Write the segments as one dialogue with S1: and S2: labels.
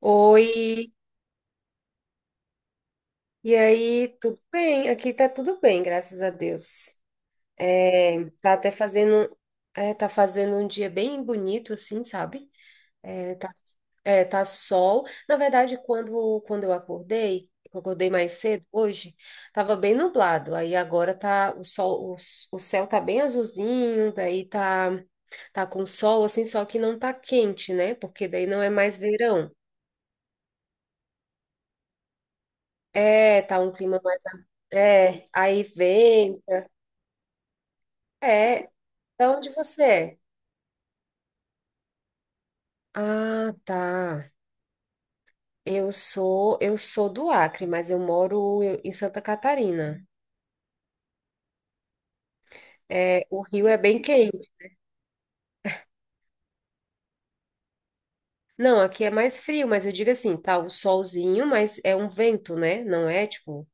S1: Oi, e aí, tudo bem? Aqui tá tudo bem, graças a Deus. É, tá até fazendo, é, tá fazendo um dia bem bonito, assim, sabe? É, tá, é, tá sol. Na verdade, quando eu acordei mais cedo hoje, tava bem nublado. Aí agora tá o sol, o céu tá bem azulzinho, daí tá, tá com sol, assim, só que não tá quente, né? Porque daí não é mais verão. É, tá um clima mais. É, aí vem. É, da onde você é? Ah, tá. Eu sou do Acre, mas eu moro em Santa Catarina. É, o Rio é bem quente. Não, aqui é mais frio, mas eu digo assim, tá o solzinho, mas é um vento, né? Não é tipo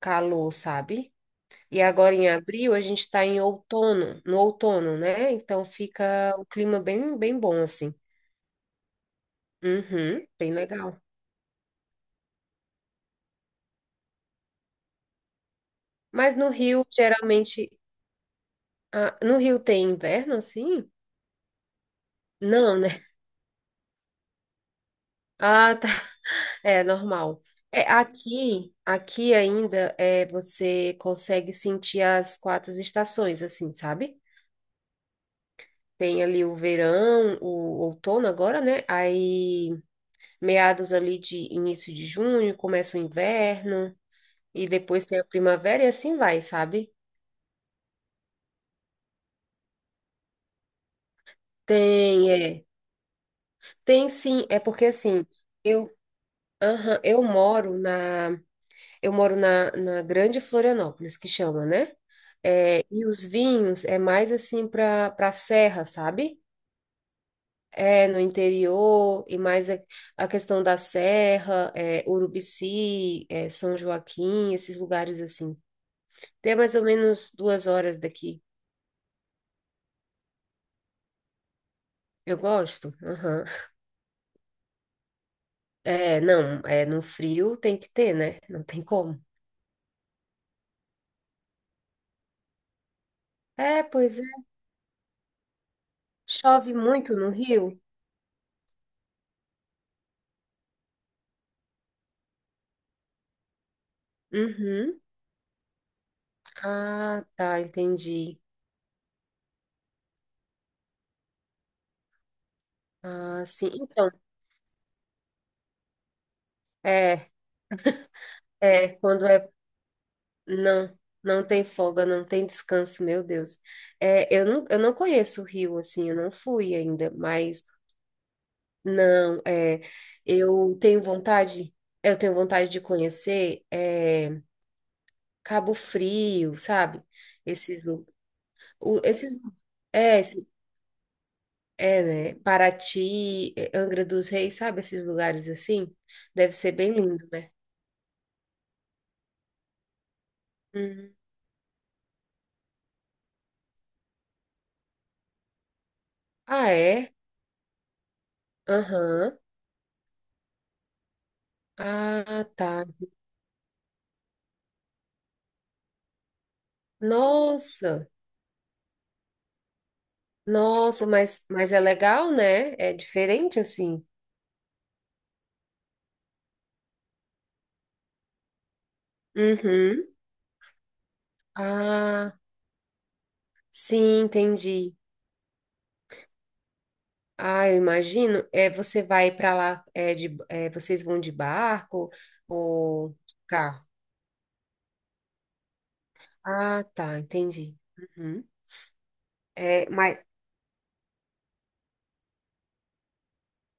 S1: calor, sabe? E agora em abril a gente tá em outono, no outono, né? Então fica o clima bem, bem bom assim. Uhum, bem legal. Mas no Rio geralmente. Ah, no Rio tem inverno, assim? Não, né? Ah, tá. É normal. É, aqui, aqui ainda é, você consegue sentir as quatro estações, assim, sabe? Tem ali o verão, o outono agora, né? Aí, meados ali de início de junho, começa o inverno, e depois tem a primavera e assim vai, sabe? Tem, é. Tem sim, é porque assim, eu, aham, Eu moro na, Grande Florianópolis, que chama, né? É, e os vinhos é mais assim para serra, sabe? É, no interior, e mais a questão da serra, é, Urubici, é, São Joaquim, esses lugares assim. Tem mais ou menos 2 horas daqui. Eu gosto, aham. É, não, é, no frio tem que ter, né? Não tem como. É, pois é. Chove muito no Rio? Uhum. Ah, tá, entendi. Ah, sim. Então, é, é, quando é, não, não tem folga, não tem descanso, meu Deus. É, eu não conheço o Rio, assim, eu não fui ainda, mas não, é, eu tenho vontade, eu tenho vontade de conhecer, é, Cabo Frio, sabe? Esses, o, esses, é, é, né? Paraty, é, Angra dos Reis, sabe? Esses lugares assim, deve ser bem lindo, né? Uhum. Ah, é? Aham. Ah, tá. Nossa, nossa, mas é legal, né? É diferente assim. Uhum. Ah, sim, entendi. Ah, eu imagino. É, você vai para lá, é, de, é, vocês vão de barco ou carro? Ah, tá, entendi. Uhum. É, mas,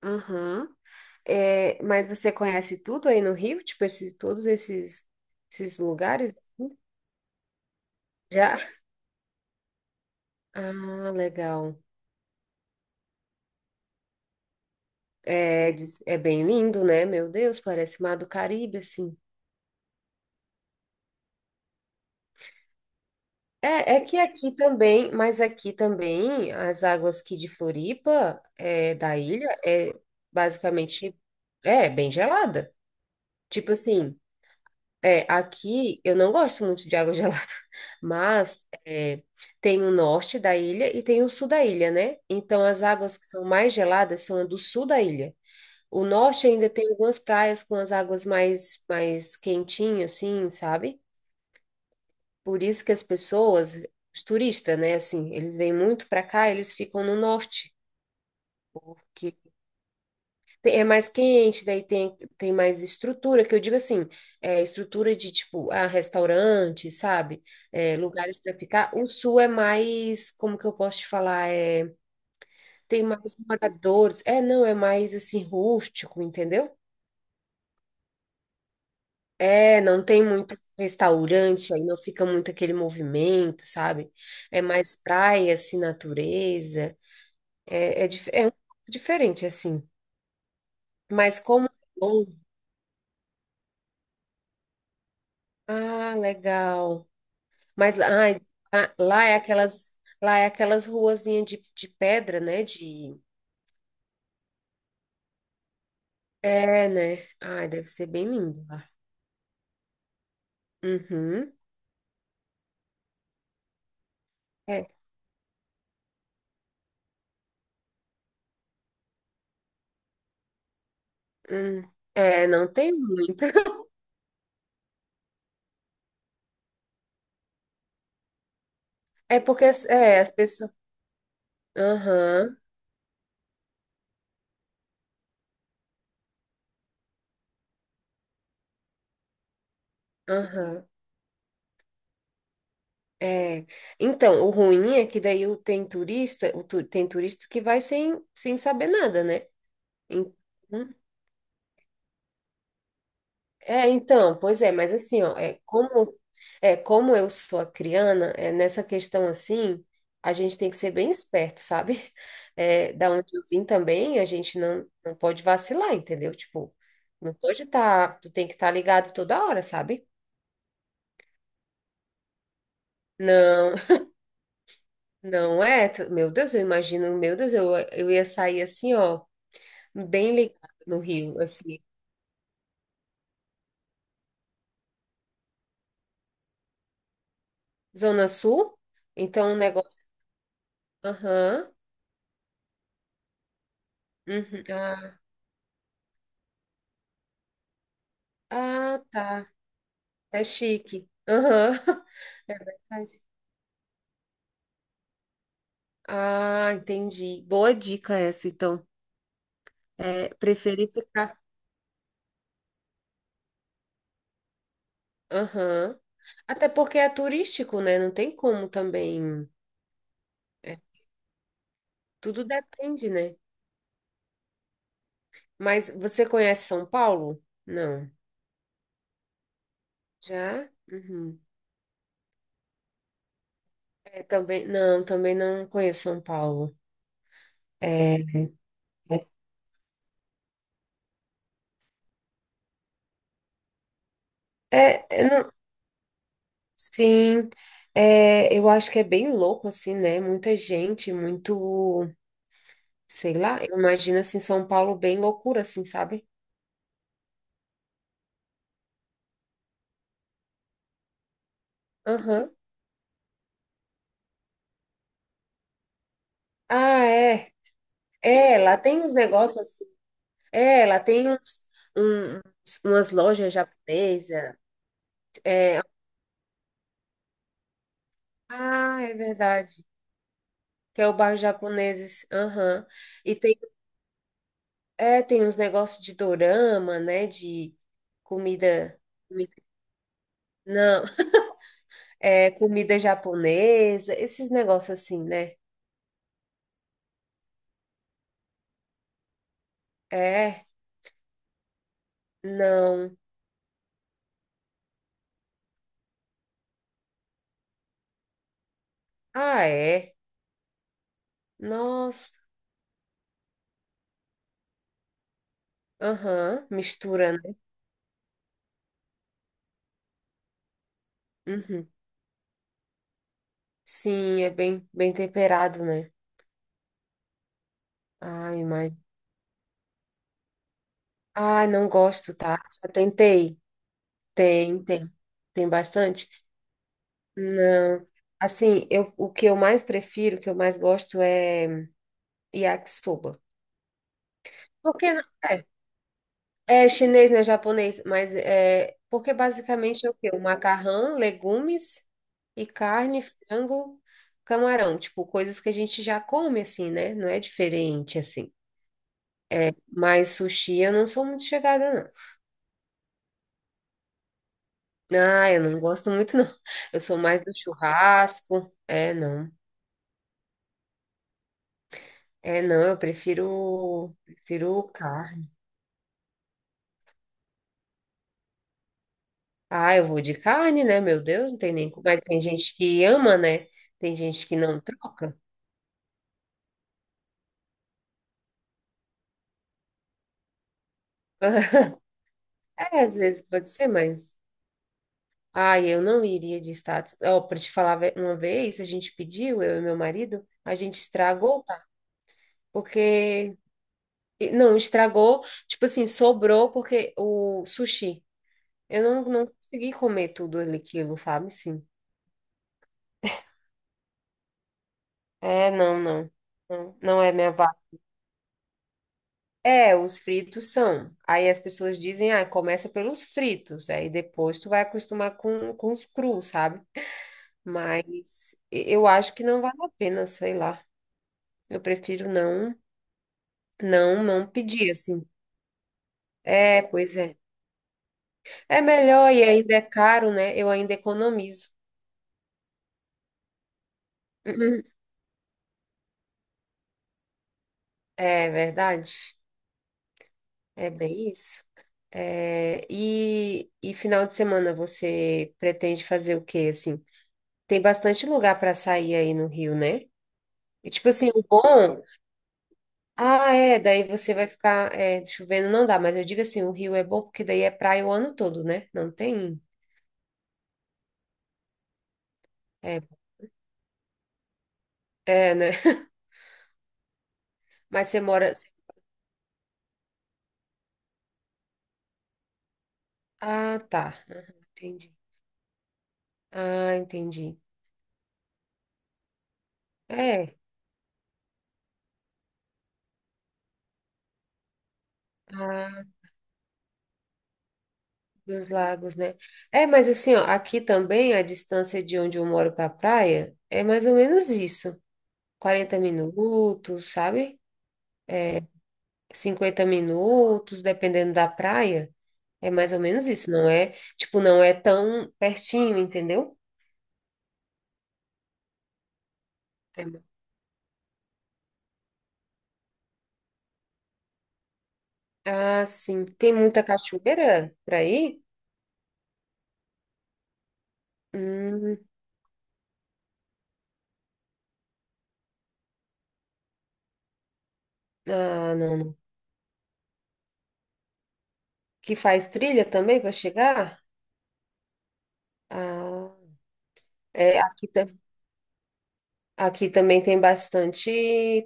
S1: uhum. É, mas você conhece tudo aí no Rio? Tipo, esses, todos esses, esses lugares, assim? Já? Ah, legal. É, é bem lindo, né? Meu Deus, parece Mar do Caribe, assim. É, é que aqui também, mas aqui também, as águas aqui de Floripa, é, da ilha, é basicamente, é, bem gelada. Tipo assim, é, aqui eu não gosto muito de água gelada, mas é, tem o norte da ilha e tem o sul da ilha, né? Então as águas que são mais geladas são a do sul da ilha. O norte ainda tem algumas praias com as águas mais quentinhas, assim, sabe? Por isso que as pessoas, os turistas, né, assim, eles vêm muito para cá, eles ficam no norte, porque é mais quente, daí tem, tem mais estrutura, que eu digo assim, é estrutura de tipo, ah, restaurante, sabe? É, lugares para ficar. O sul é mais, como que eu posso te falar? É, tem mais moradores. É, não, é mais assim, rústico, entendeu? É, não tem muito restaurante, aí não fica muito aquele movimento, sabe? É mais praia, assim, natureza. É, é, é um pouco diferente, assim. Mas como é bom, ah, legal. Mas ai, ah, lá é aquelas ruazinhas de pedra, né? De, é, né? Ai, deve ser bem lindo lá. Uhum. É, hum. É, não tem muito. É porque é, as pessoas. Aham, aham. É, então, o ruim é que daí tem turista que vai sem, sem saber nada, né? Então, é, então, pois é, mas assim, ó, é, como eu sou acriana, é, nessa questão assim, a gente tem que ser bem esperto, sabe? É, da onde eu vim também, a gente não, não pode vacilar, entendeu? Tipo, não pode estar, tu tem que estar ligado toda hora, sabe? Não, não é, tu- meu Deus, eu imagino, meu Deus, eu ia sair assim, ó, bem ligado no Rio, assim. Zona Sul? Então o negócio. Aham, uhum. Ah, ah, tá. É chique. Aham. É verdade. Ah, entendi. Boa dica essa, então. É, preferi ficar. Aham. Até porque é turístico, né? Não tem como também. É, tudo depende, né? Mas você conhece São Paulo? Não. Já? Uhum. É, também não conheço São Paulo. É, é, é. Sim, é, eu acho que é bem louco, assim, né? Muita gente, muito, sei lá, eu imagino, assim, São Paulo bem loucura, assim, sabe? Aham. Ah, é. É, lá tem uns negócios, assim, é, lá tem umas lojas japonesas, é, ah, é verdade, que é o bairro japoneses, aham. E tem, é, tem uns negócios de dorama, né, de comida, comida, não. É, comida japonesa, esses negócios assim, né? É, não. Ah, é. Nossa. Aham, mistura, né? Uhum. Sim, é bem, bem temperado, né? Ai, mas. Ai, não gosto, tá? Já tentei. Tem, tem. Tem bastante? Não. Assim, eu, o que eu mais prefiro, o que eu mais gosto é yakisoba. Porque, não. É chinês, né? Japonês, mas é porque basicamente é o quê? O macarrão, legumes e carne, frango, camarão, tipo, coisas que a gente já come assim, né? Não é diferente assim. Mas sushi eu não sou muito chegada, não. Ah, eu não gosto muito, não. Eu sou mais do churrasco. É, não. É, não, eu prefiro, prefiro carne. Ah, eu vou de carne, né? Meu Deus, não tem nem como. Mas tem gente que ama, né? Tem gente que não troca. É, às vezes pode ser, mas. Ai, eu não iria de status. Ó, pra te falar ve- uma vez, a gente pediu, eu e meu marido, a gente estragou, tá? Porque. E- Não, estragou, tipo assim, sobrou porque o sushi. Eu não, não consegui comer tudo ali, aquilo, sabe? Sim. É, não, não. Não, não é minha vaga. É, os fritos são. Aí as pessoas dizem, ah, começa pelos fritos, aí depois tu vai acostumar com os crus, sabe? Mas eu acho que não vale a pena, sei lá. Eu prefiro não, não, não pedir assim. É, pois é. É melhor e ainda é caro, né? Eu ainda economizo. Uhum. É verdade. É bem isso. É, e final de semana você pretende fazer o quê, assim? Tem bastante lugar para sair aí no Rio, né? E tipo assim, o bom. Ah, é, daí você vai ficar é, chovendo, não dá, mas eu digo assim, o Rio é bom porque daí é praia o ano todo, né? Não tem. É, é, né? Mas você mora. Ah, tá. Aham, entendi. Ah, entendi. É, ah, dos lagos, né? É, mas assim, ó, aqui também a distância de onde eu moro para a praia é mais ou menos isso. 40 minutos, sabe? 50 minutos, dependendo da praia. É mais ou menos isso, não é? Tipo, não é tão pertinho, entendeu? É. Ah, sim. Tem muita cachoeira para ir? Hum, ah, não, não. Que faz trilha também para chegar? Ah. É, aqui, aqui também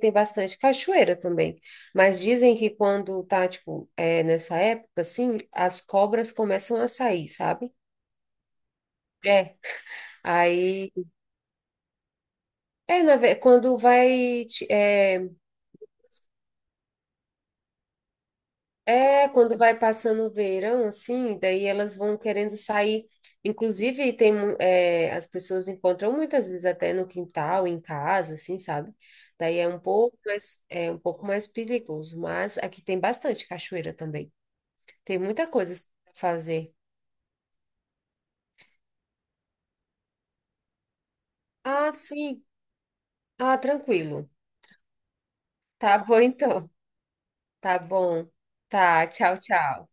S1: tem bastante cachoeira também. Mas dizem que quando tá, tipo, é, nessa época, assim, as cobras começam a sair, sabe? É. Aí, é, na, ve- quando vai, ti- é, é, quando vai passando o verão, assim, daí elas vão querendo sair. Inclusive, tem, mu- é, as pessoas encontram muitas vezes até no quintal, em casa, assim, sabe? Daí é um pouco mais, é um pouco mais perigoso, mas aqui tem bastante cachoeira também. Tem muita coisa para fazer. Ah, sim. Ah, tranquilo. Tá bom, então. Tá bom. Tá, tchau, tchau.